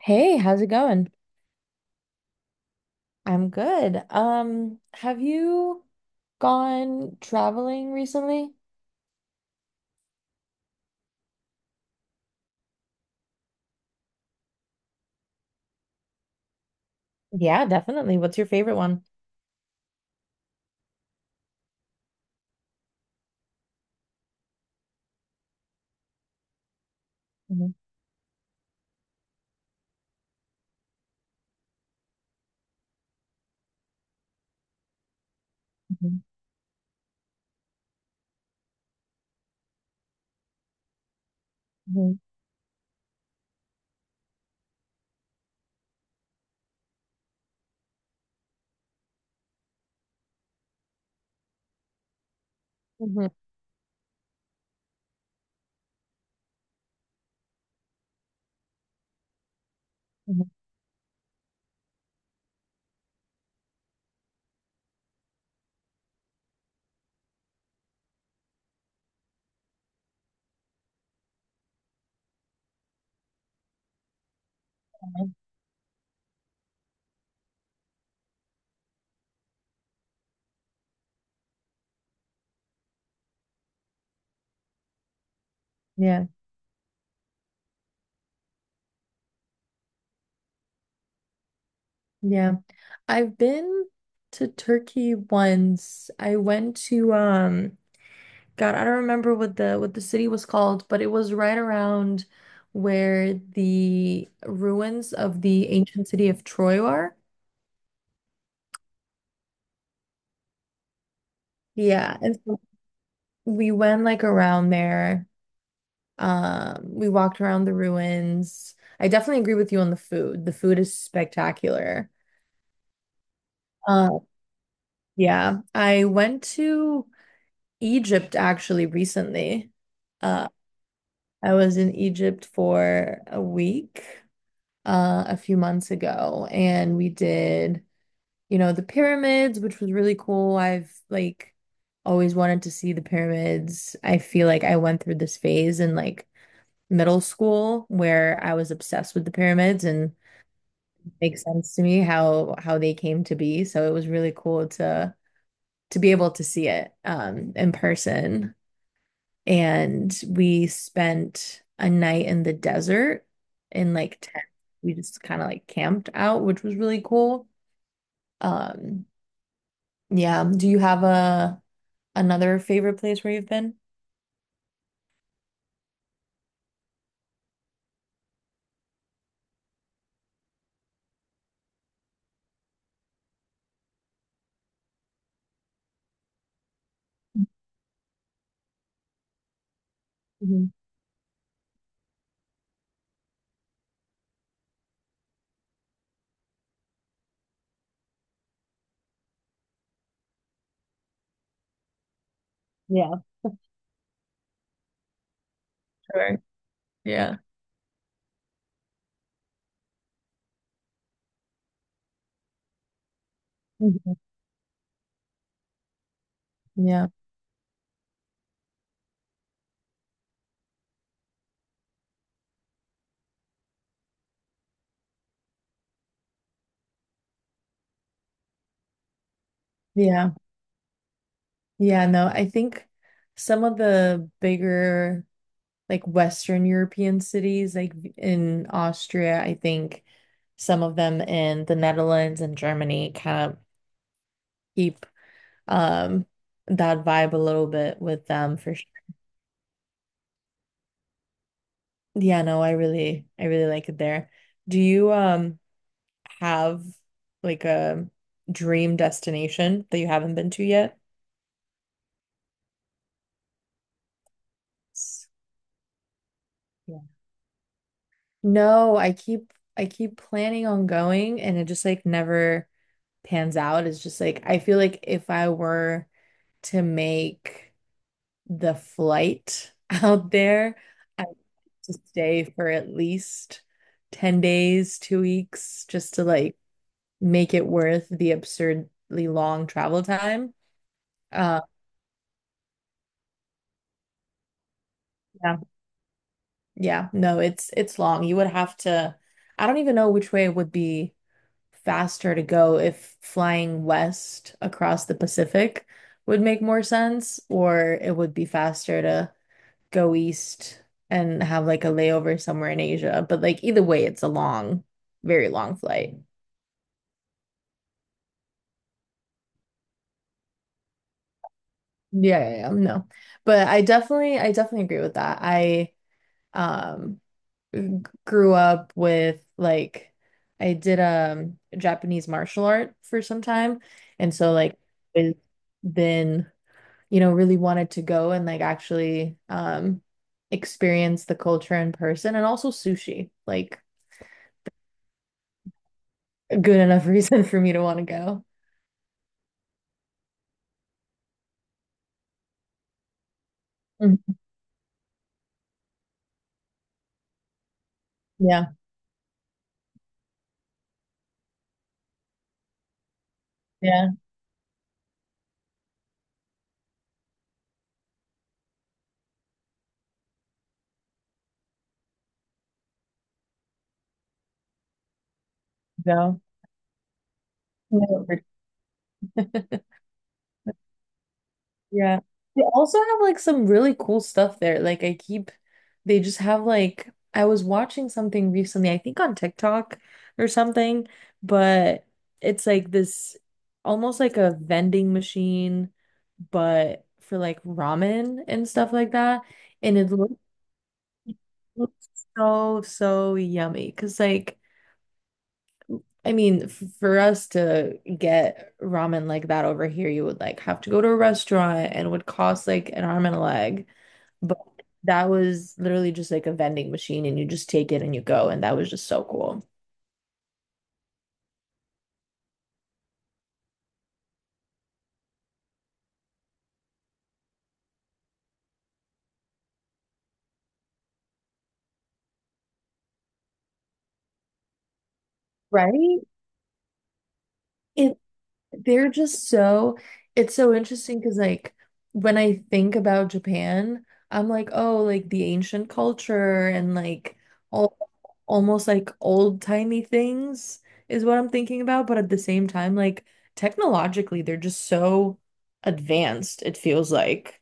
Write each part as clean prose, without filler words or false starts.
Hey, how's it going? I'm good. Have you gone traveling recently? Yeah, definitely. What's your favorite one? Mhm, mhm, mhm, mhm, mhm, mhm. Yeah, yeah. I've been to Turkey once. I went to God, I don't remember what the city was called, but it was right around where the ruins of the ancient city of Troy are. Yeah, and so we went like around there. We walked around the ruins. I definitely agree with you on the food. The food is spectacular. Uh, yeah, I went to Egypt actually recently. Uh, I was in Egypt for a week, a few months ago, and we did the pyramids, which was really cool. I've like always wanted to see the pyramids. I feel like I went through this phase in like middle school where I was obsessed with the pyramids and makes sense to me how they came to be. So it was really cool to be able to see it in person. And we spent a night in the desert in like tent. We just kind of like camped out, which was really cool. Um yeah. Do you have a another favorite place where you've been? Mhm. Yeah, sure. Yeah. Mhm. Yeah. Yeah. Yeah. No, I think some of the bigger like Western European cities, like in Austria, I think some of them in the Netherlands and Germany kind of keep um that vibe a little bit with them for sure. Yeah, no, I really like it there. Do you have like a dream destination that you haven't been to yet? S- Yeah. No, I keep planning on going and it just like never pans out. It's just like I feel like if I were to make the flight out there. I have to stay for at least 10 days, 2 weeks, just to like make it worth the absurdly long travel time. Uh, yeah, yeah, no, it's long. You would have to, I don't even know which way would be faster to go if flying west across the Pacific would make more sense, or it would be faster to go east and have like a layover somewhere in Asia. But like either way, it's a long, very long flight. Yeah, yeah, yeah, no. But I definitely agree with that. I um g- grew up with like I did Japanese martial art for some time, and so like it's been, really wanted to go and like actually experience the culture in person and also sushi, like a good enough reason for me to want to go. Yeah, yeah, no. No. Yeah. They also have like some really cool stuff there. Like I keep they just have like I was watching something recently, I think on TikTok or something, but it's like this almost like a vending machine, but for like ramen and stuff like that. And it looks so, so yummy. Cause like I mean, for us to get ramen like that over here, you would like have to go to a restaurant and would cost like an arm and a leg. But that was literally just like a vending machine and you just take it and you go. And that was just so cool. Right? It They're just so, it's so interesting because, like, when I think about Japan, I'm like, oh, like the ancient culture and like all almost like old timey things is what I'm thinking about. But at the same time, like, technologically, they're just so advanced, it feels like,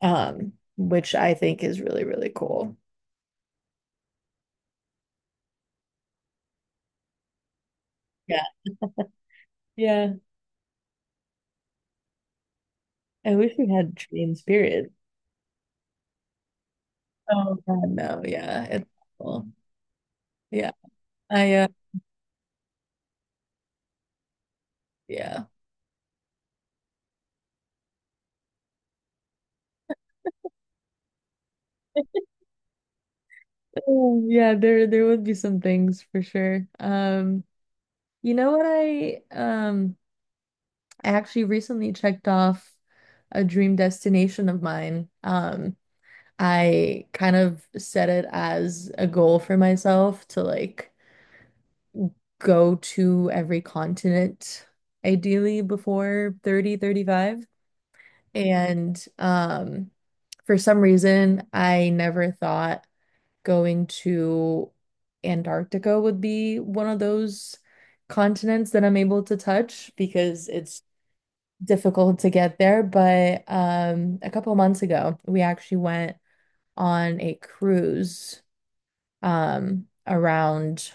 which I think is really, really cool. Yeah. Yeah. I wish we had trains, period. Oh, God, no. Yeah. It's cool. Yeah. I, uh, yeah. Oh, yeah, there would be some things for sure. You know what I actually recently checked off a dream destination of mine. I kind of set it as a goal for myself to like go to every continent ideally before 30 35. And for some reason I never thought going to Antarctica would be one of those continents that I'm able to touch because it's difficult to get there. But a couple months ago, we actually went on a cruise around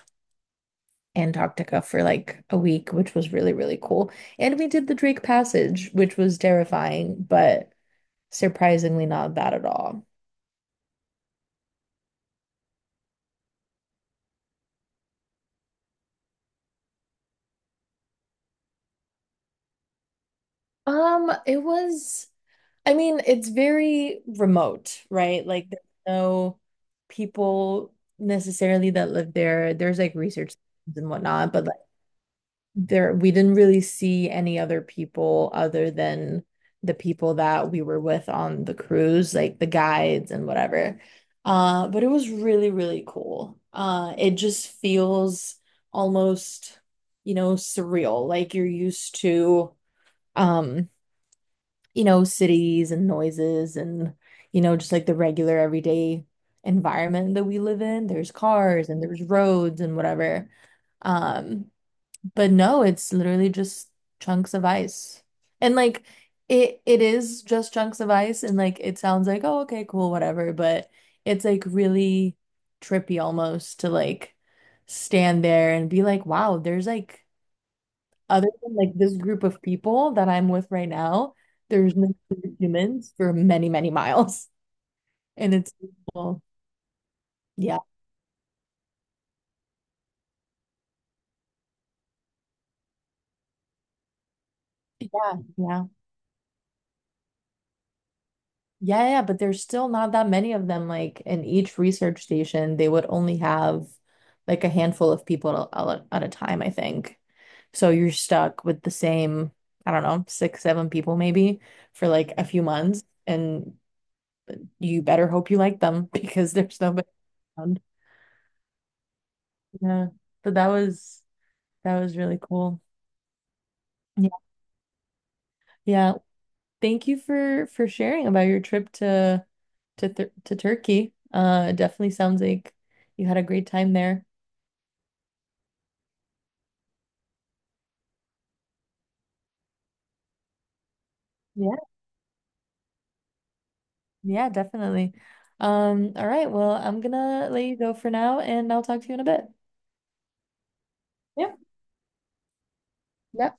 Antarctica for like a week, which was really, really cool. And we did the Drake Passage, which was terrifying, but surprisingly not bad at all. It was. I mean, it's very remote, right? Like there's no people necessarily that live there. There's like research and whatnot, but like there we didn't really see any other people other than the people that we were with on the cruise, like the guides and whatever. But it was really, really cool. It just feels almost, surreal, like you're used to um cities and noises and, just like the regular everyday environment that we live in. There's cars and there's roads and whatever. Um, but no, it's literally just chunks of ice. And like it is just chunks of ice and like it sounds like, oh, okay, cool, whatever, but it's like really trippy almost to like stand there and be like, wow, there's like other than like this group of people that I'm with right now, there's no other humans for many, many miles. And it's well, yeah, yeah, yeah. Yeah, yeah, but there's still not that many of them. Like in each research station, they would only have like a handful of people at a time, I think. So you're stuck with the same, I don't know, six, seven people maybe for like a few months. And you better hope you like them because there's nobody around. Yeah. So that was really cool. Yeah. Yeah. Thank you for sharing about your trip to Turkey. It definitely sounds like you had a great time there. Yeah. Yeah, definitely. All right. Well, I'm gonna let you go for now and I'll talk to you in a bit. Yep. Yep.